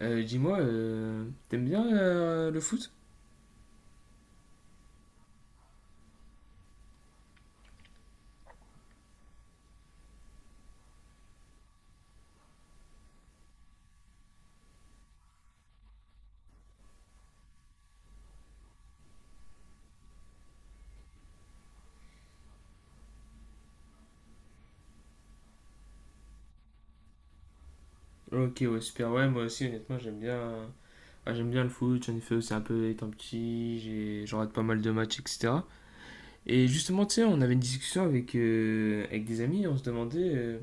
Dis-moi, t'aimes bien le foot? Ok, ouais, super. Ouais, moi aussi, honnêtement, j'aime bien. Ouais, j'aime bien le foot. J'en ai fait aussi un peu étant petit. J'en rate pas mal de matchs, etc. Et justement, tu sais, on avait une discussion avec des amis. On se demandait,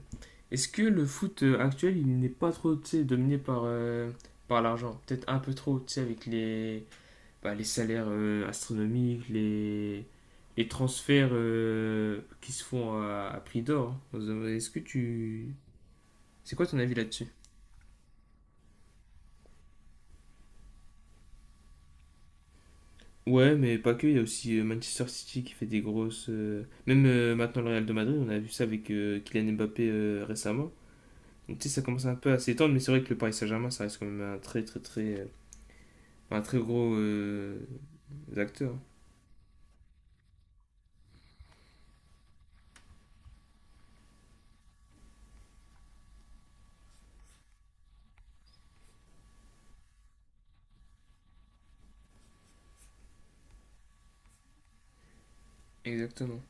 est-ce que le foot actuel, il n'est pas trop, tu sais, dominé par l'argent? Peut-être un peu trop, tu sais, avec les salaires astronomiques, les transferts qui se font à prix d'or. Est-ce que tu... C'est quoi ton avis là-dessus? Ouais, mais pas que, il y a aussi Manchester City qui fait des grosses... Même maintenant le Real de Madrid, on a vu ça avec Kylian Mbappé récemment. Donc tu sais, ça commence un peu à s'étendre, mais c'est vrai que le Paris Saint-Germain, ça reste quand même un très très très... un très gros acteur. Exactement.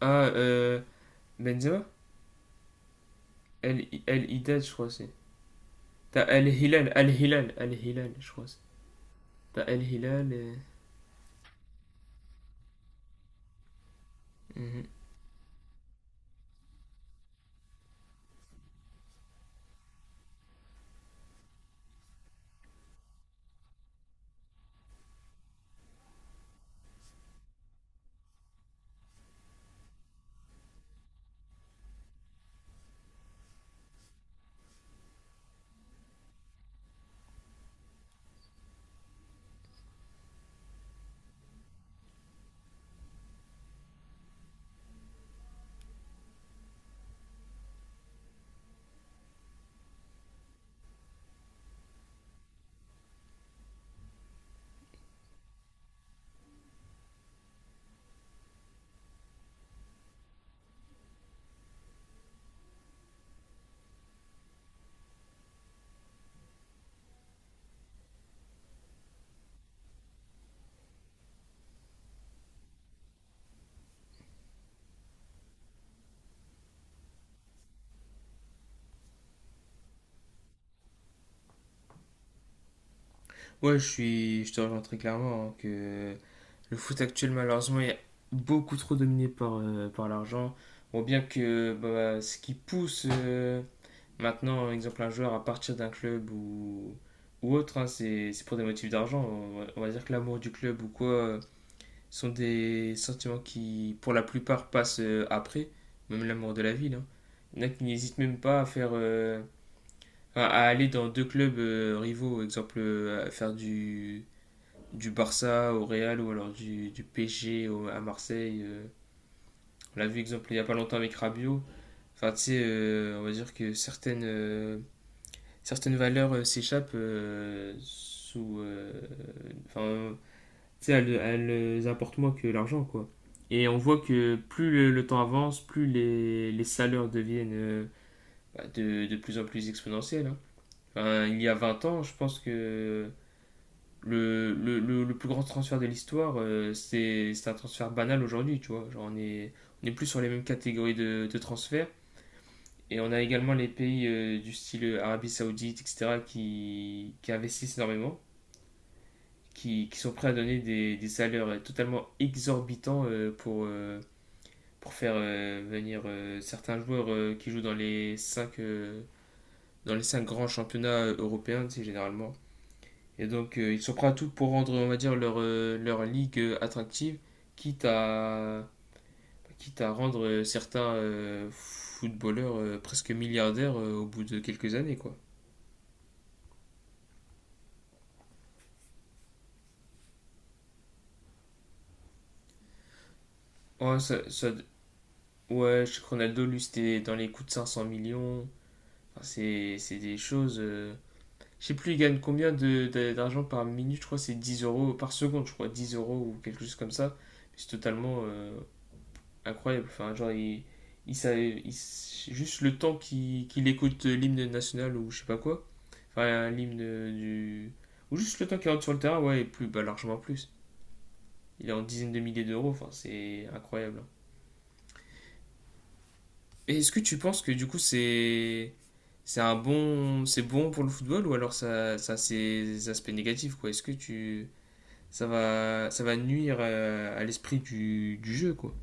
Ah, Benzema? El Haddad, je crois c'est. T'as Al Hilal, Al Hilal, Al Hilal, je crois. T'as Al Hilal. Mhm. Ouais, je te rejoins très clairement, hein, que le foot actuel malheureusement est beaucoup trop dominé par l'argent. Bon, bien que ce qui pousse maintenant, exemple un joueur à partir d'un club ou autre, hein, c'est pour des motifs d'argent. On va dire que l'amour du club ou quoi sont des sentiments qui, pour la plupart, passent après, même l'amour de la ville, hein. Il y en a qui n'hésitent même pas à faire à aller dans deux clubs rivaux, exemple à faire du Barça au Real ou alors du PSG à Marseille. On l'a vu exemple il n'y a pas longtemps avec Rabiot. Enfin, tu sais, on va dire que certaines valeurs s'échappent sous... Enfin, tu sais, elles apportent moins que l'argent, quoi. Et on voit que plus le temps avance, plus les salaires deviennent de plus en plus exponentiels, hein. Enfin, il y a 20 ans, je pense que le plus grand transfert de l'histoire, c'est un transfert banal aujourd'hui, tu vois. Genre, on est plus sur les mêmes catégories de transferts. Et on a également les pays du style Arabie Saoudite, etc., qui investissent énormément, qui sont prêts à donner des salaires totalement exorbitants pour faire venir certains joueurs qui jouent dans les cinq grands championnats européens, tu sais, généralement. Et donc, ils sont prêts à tout pour rendre, on va dire, leur ligue attractive, quitte à, quitte à rendre certains footballeurs presque milliardaires au bout de quelques années, quoi. Ouais, ça, ça- ouais, je sais que Ronaldo, lui, c'était dans les coups de 500 millions. Enfin, c'est des choses... Je sais plus, il gagne combien d'argent par minute, je crois, que c'est 10 € par seconde, je crois, 10 € ou quelque chose comme ça. C'est totalement... incroyable. Enfin, genre, juste le temps qu'il écoute l'hymne national ou je sais pas quoi. Enfin, l'hymne du. Ou juste le temps qu'il rentre sur le terrain, ouais, et plus, largement plus. Il est en dizaines de milliers d'euros, enfin, c'est incroyable, hein. Et est-ce que tu penses que du coup, c'est bon pour le football ou alors ça a ses aspects négatifs, quoi. Est-ce que tu, ça va nuire à l'esprit du jeu, quoi.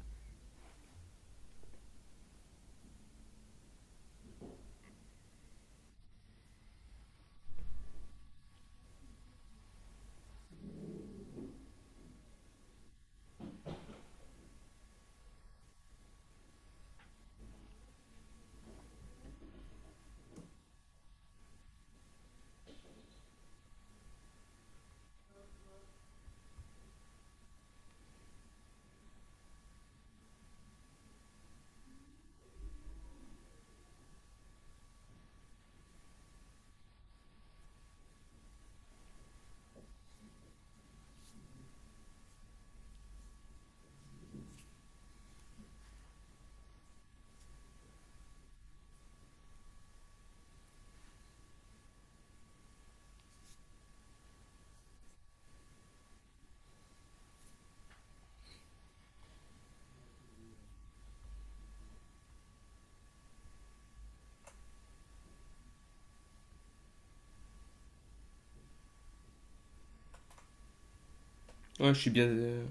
Ouais,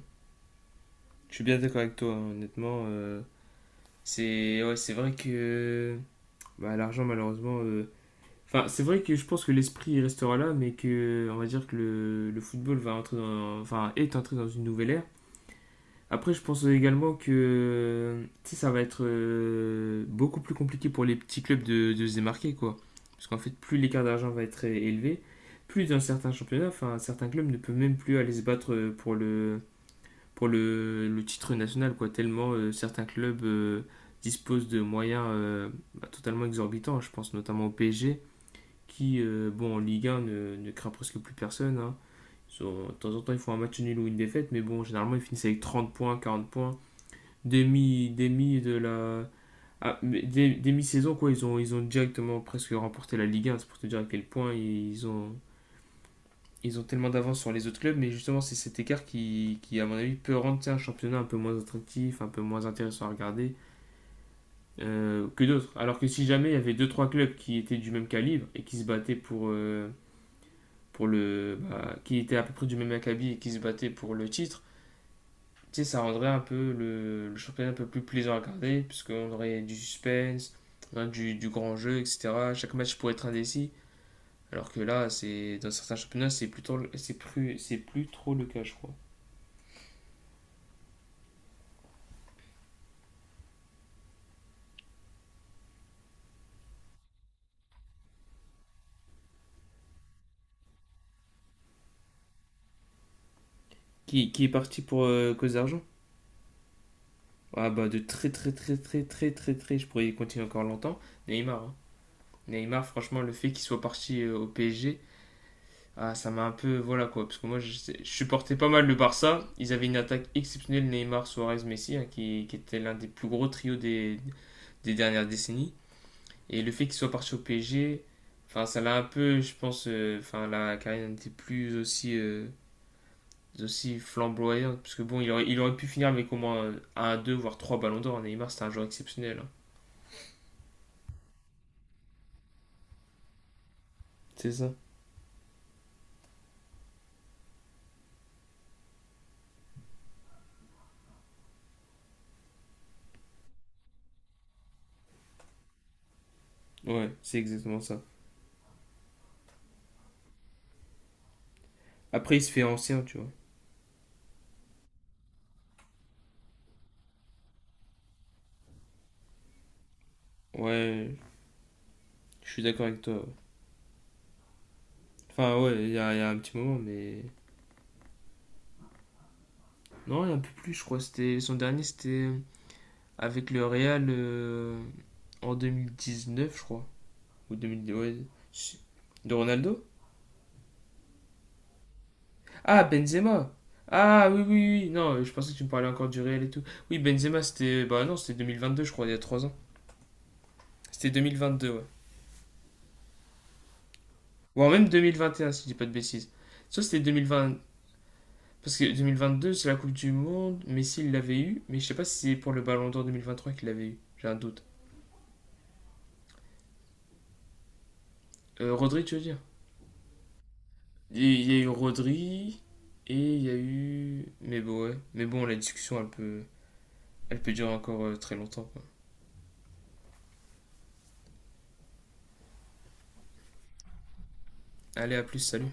je suis bien d'accord avec toi, hein, honnêtement. C'est ouais, c'est vrai que l'argent, malheureusement. Enfin, c'est vrai que je pense que l'esprit restera là, mais que on va dire que le football enfin, est entré dans une nouvelle ère. Après, je pense également que tu sais, ça va être beaucoup plus compliqué pour les petits clubs de se démarquer, quoi. Parce qu'en fait, plus l'écart d'argent va être élevé, plus dans certains championnats, enfin, certains clubs ne peuvent même plus aller se battre pour le titre national, quoi, tellement certains clubs disposent de moyens totalement exorbitants. Je pense notamment au PSG, qui, bon, en Ligue 1, ne craint presque plus personne, hein. De temps en temps, ils font un match nul ou une défaite, mais bon, généralement, ils finissent avec 30 points, 40 points. Demi, demi de la. ah, Demi-saison, quoi, ils ont directement presque remporté la Ligue 1. C'est pour te dire à quel point ils ont tellement d'avance sur les autres clubs, mais justement, c'est cet écart qui, à mon avis, peut rendre un championnat un peu moins attractif, un peu moins intéressant à regarder que d'autres. Alors que si jamais il y avait deux trois clubs qui étaient du même calibre et qui se battaient pour le. Bah, qui étaient à peu près du même acabit et qui se battaient pour le titre, tu sais, ça rendrait un peu championnat un peu plus plaisant à regarder, puisqu'on aurait du suspense, hein, du grand jeu, etc. Chaque match pourrait être indécis. Alors que là, c'est dans certains championnats, c'est plus trop le cas, je crois. Qui est parti pour cause d'argent. Ah bah de très très très très très très très, je pourrais y continuer encore longtemps. Neymar, hein. Neymar, franchement, le fait qu'il soit parti au PSG, ah, ça m'a un peu, voilà quoi, parce que moi je supportais pas mal le Barça. Ils avaient une attaque exceptionnelle, Neymar, Suarez, Messi, hein, qui était l'un des plus gros trios des dernières décennies. Et le fait qu'il soit parti au PSG, enfin ça l'a un peu, je pense, enfin la carrière n'était plus aussi aussi flamboyant, parce que bon, il aurait pu finir avec au moins un, deux, voire trois ballons d'or. Neymar, c'était un joueur exceptionnel, hein. C'est ça. Ouais, c'est exactement ça. Après, il se fait ancien, tu vois. Ouais, je suis d'accord avec toi. Ouais. Enfin, ouais, il y, a y a un petit moment, mais. Non, il y a un peu plus, je crois. C'était avec le Real en 2019, je crois. Ou 2010, ouais. Si, de Ronaldo. Ah, Benzema. Ah, oui, oui, oui. Non, je pensais que tu me parlais encore du Real et tout. Oui. Benzema, c'était. Bah non, c'était deux mille vingt deux, je crois, il y a 3 ans. C'était 2022, ouais. Ou alors même deux mille vingt et un, si je dis pas de bêtises. Soit c'était deux mille vingt. Parce que deux mille vingt deux, c'est la Coupe du Monde. Messi, il l'avait eu. Mais je sais pas si c'est pour le Ballon d'Or 2023 qu'il l'avait eu. J'ai un doute. Rodri, tu veux dire? Il y a eu Rodri. Et il y a eu. Mais bon, ouais. Mais bon, la discussion, elle peut durer encore très longtemps, quoi. Allez, à plus, salut.